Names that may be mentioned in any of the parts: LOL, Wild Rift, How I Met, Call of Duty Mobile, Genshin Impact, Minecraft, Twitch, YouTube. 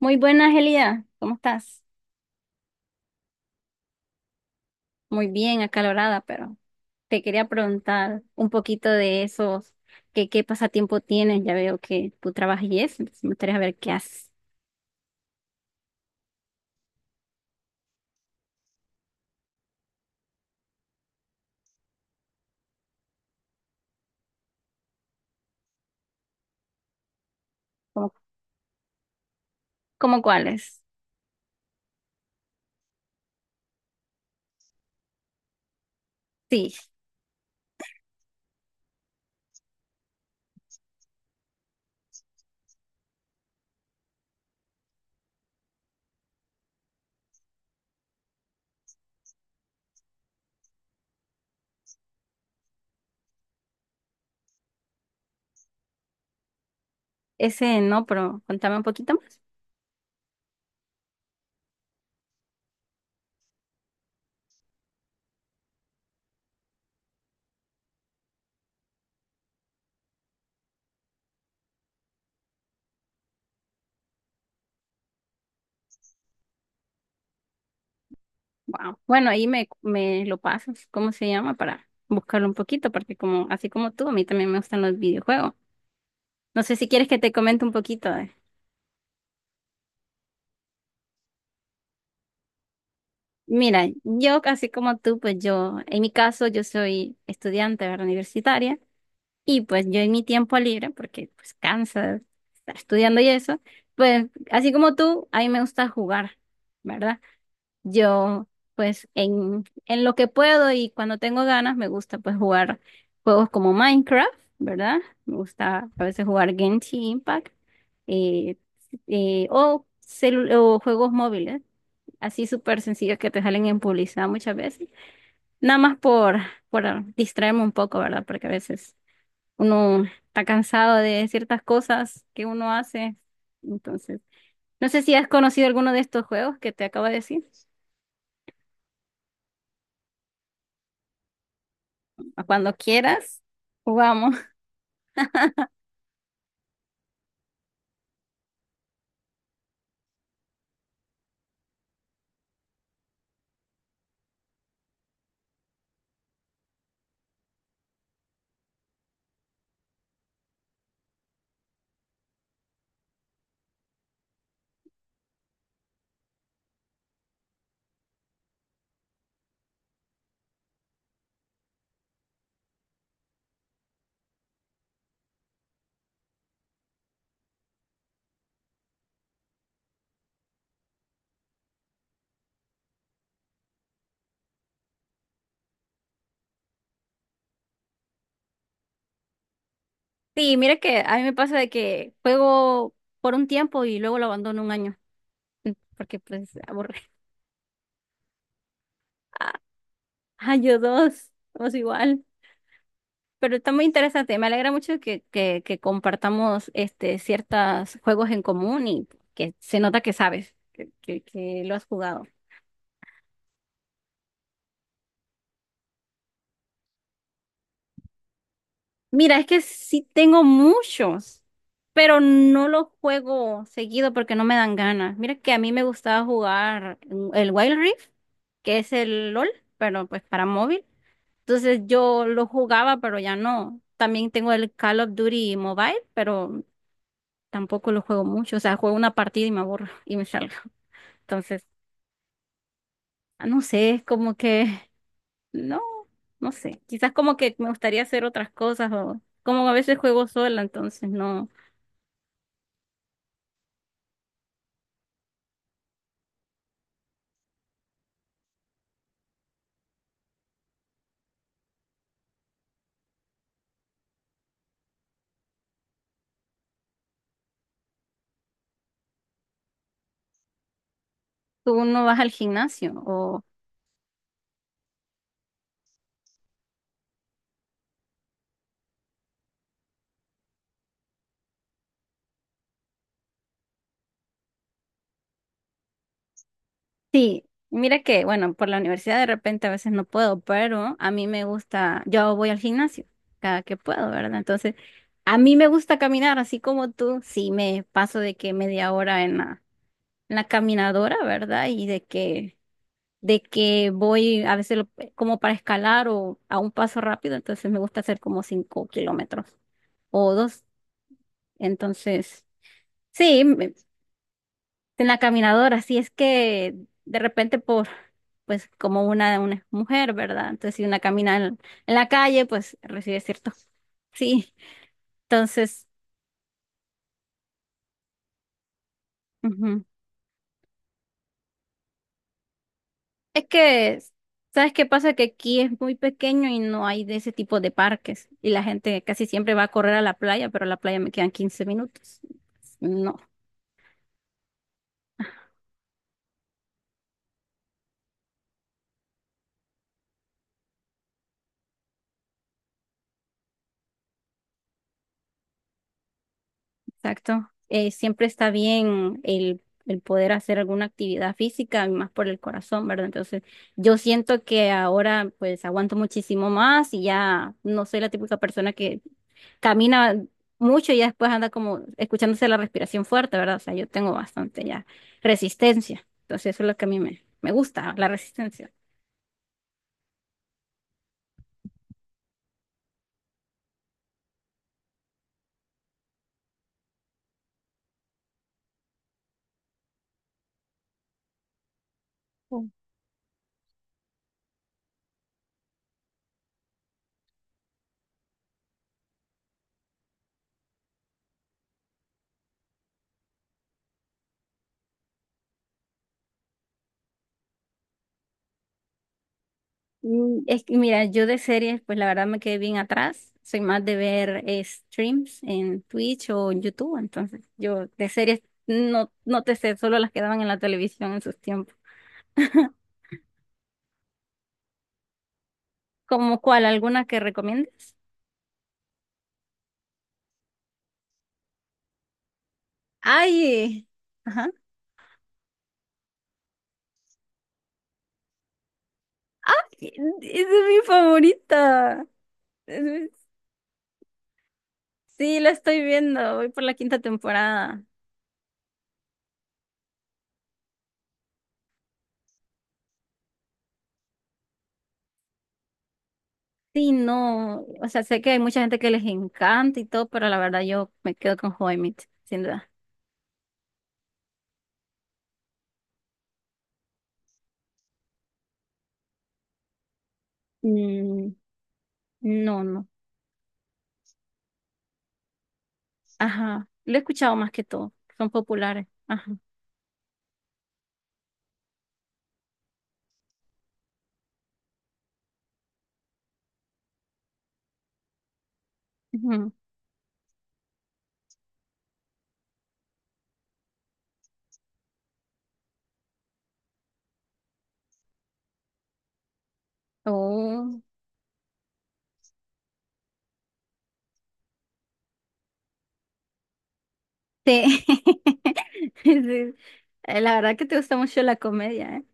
Muy buena, Angelida. ¿Cómo estás? Muy bien, acalorada, pero te quería preguntar un poquito de esos, qué pasatiempo tienes. Ya veo que tú trabajas y eso, entonces me gustaría ver qué haces. ¿Cómo, cómo cuáles? Sí, ese no, pero contame un poquito más. Wow. Bueno, ahí me lo pasas. ¿Cómo se llama? Para buscarlo un poquito, porque como, así como tú, a mí también me gustan los videojuegos. No sé si quieres que te comente un poquito. Mira, yo casi como tú, pues yo, en mi caso, yo soy estudiante, ¿verdad? Universitaria, y pues yo en mi tiempo libre, porque pues cansa estar estudiando y eso, pues así como tú, a mí me gusta jugar, ¿verdad? Yo, pues en lo que puedo y cuando tengo ganas, me gusta pues jugar juegos como Minecraft, ¿verdad? Me gusta a veces jugar Genshin Impact, eh, o, o juegos móviles así súper sencillos que te salen en publicidad muchas veces, nada más por distraerme un poco, ¿verdad? Porque a veces uno está cansado de ciertas cosas que uno hace. Entonces, no sé si has conocido alguno de estos juegos que te acabo de decir. A cuando quieras, jugamos. Sí, mira que a mí me pasa de que juego por un tiempo y luego lo abandono un año, porque pues aburre. Ah, yo dos, vamos igual. Pero está muy interesante. Me alegra mucho que, que compartamos este, ciertos juegos en común y que se nota que sabes, que, que lo has jugado. Mira, es que sí tengo muchos, pero no los juego seguido porque no me dan ganas. Mira que a mí me gustaba jugar el Wild Rift, que es el LOL, pero pues para móvil. Entonces yo lo jugaba, pero ya no. También tengo el Call of Duty Mobile, pero tampoco lo juego mucho. O sea, juego una partida y me aburro y me salgo. Entonces, no sé, es como que, no, no sé. Quizás como que me gustaría hacer otras cosas o como a veces juego sola, entonces no, tú no vas al gimnasio o sí. Mira que, bueno, por la universidad de repente a veces no puedo, pero a mí me gusta, yo voy al gimnasio cada que puedo, ¿verdad? Entonces, a mí me gusta caminar, así como tú, sí me paso de que media hora en la, caminadora, ¿verdad? Y de que voy a veces como para escalar o a un paso rápido, entonces me gusta hacer como 5 kilómetros o dos. Entonces, sí, en la caminadora, así es que de repente por, pues como una, mujer, ¿verdad? Entonces, si una camina en la calle, pues recibe ciertos, sí, entonces, ujú. Es que, ¿sabes qué pasa? Que aquí es muy pequeño y no hay de ese tipo de parques. Y la gente casi siempre va a correr a la playa, pero a la playa me quedan 15 minutos. No, exacto. Siempre está bien el poder hacer alguna actividad física, y más por el corazón, ¿verdad? Entonces, yo siento que ahora pues aguanto muchísimo más y ya no soy la típica persona que camina mucho y ya después anda como escuchándose la respiración fuerte, ¿verdad? O sea, yo tengo bastante ya resistencia. Entonces, eso es lo que a mí me gusta, la resistencia. Es que, mira, yo de series, pues la verdad me quedé bien atrás. Soy más de ver streams en Twitch o en YouTube. Entonces, yo de series no te sé, solo las que daban en la televisión en sus tiempos. ¿Como cuál? ¿Alguna que recomiendes? Ay, ajá. Esa es mi favorita. Sí, lo estoy viendo, voy por la quinta temporada. Sí, no, o sea, sé que hay mucha gente que les encanta y todo, pero la verdad yo me quedo con How I Met, sin duda. Mm, no, no, ajá, lo he escuchado más que todo, son populares, ajá. Ujú. Oh, sí. Sí. La verdad que te gusta mucho la comedia, ¿eh?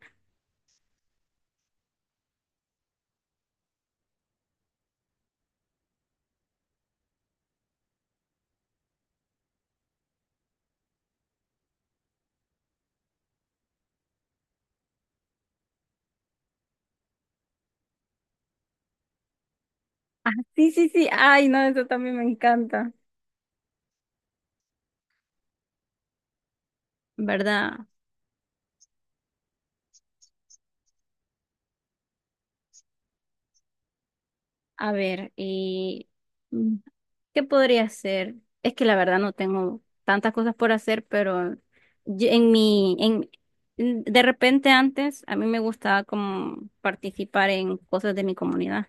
Ah, sí, sí, sí, ay, no, eso también me encanta, ¿verdad? A ver, mm, ¿qué podría hacer? Es que la verdad no tengo tantas cosas por hacer, pero yo- en mi, en, de repente antes a mí me gustaba como participar en cosas de mi comunidad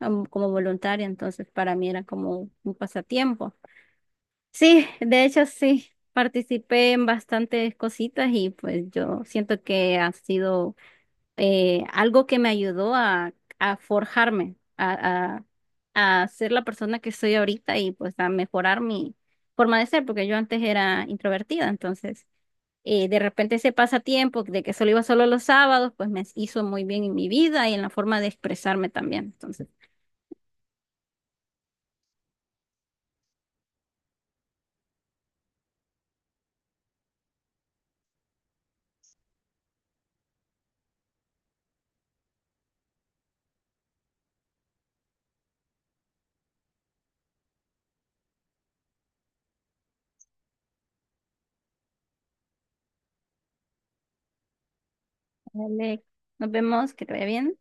como voluntaria, entonces para mí era como un pasatiempo. Sí, de hecho sí, participé en bastantes cositas y pues yo siento que ha sido algo que me ayudó a, forjarme, a ser la persona que soy ahorita y pues a mejorar mi forma de ser, porque yo antes era introvertida, entonces de repente ese pasatiempo de que solo iba solo los sábados, pues me hizo muy bien en mi vida y en la forma de expresarme también. Entonces, dale, nos vemos, que te vaya bien.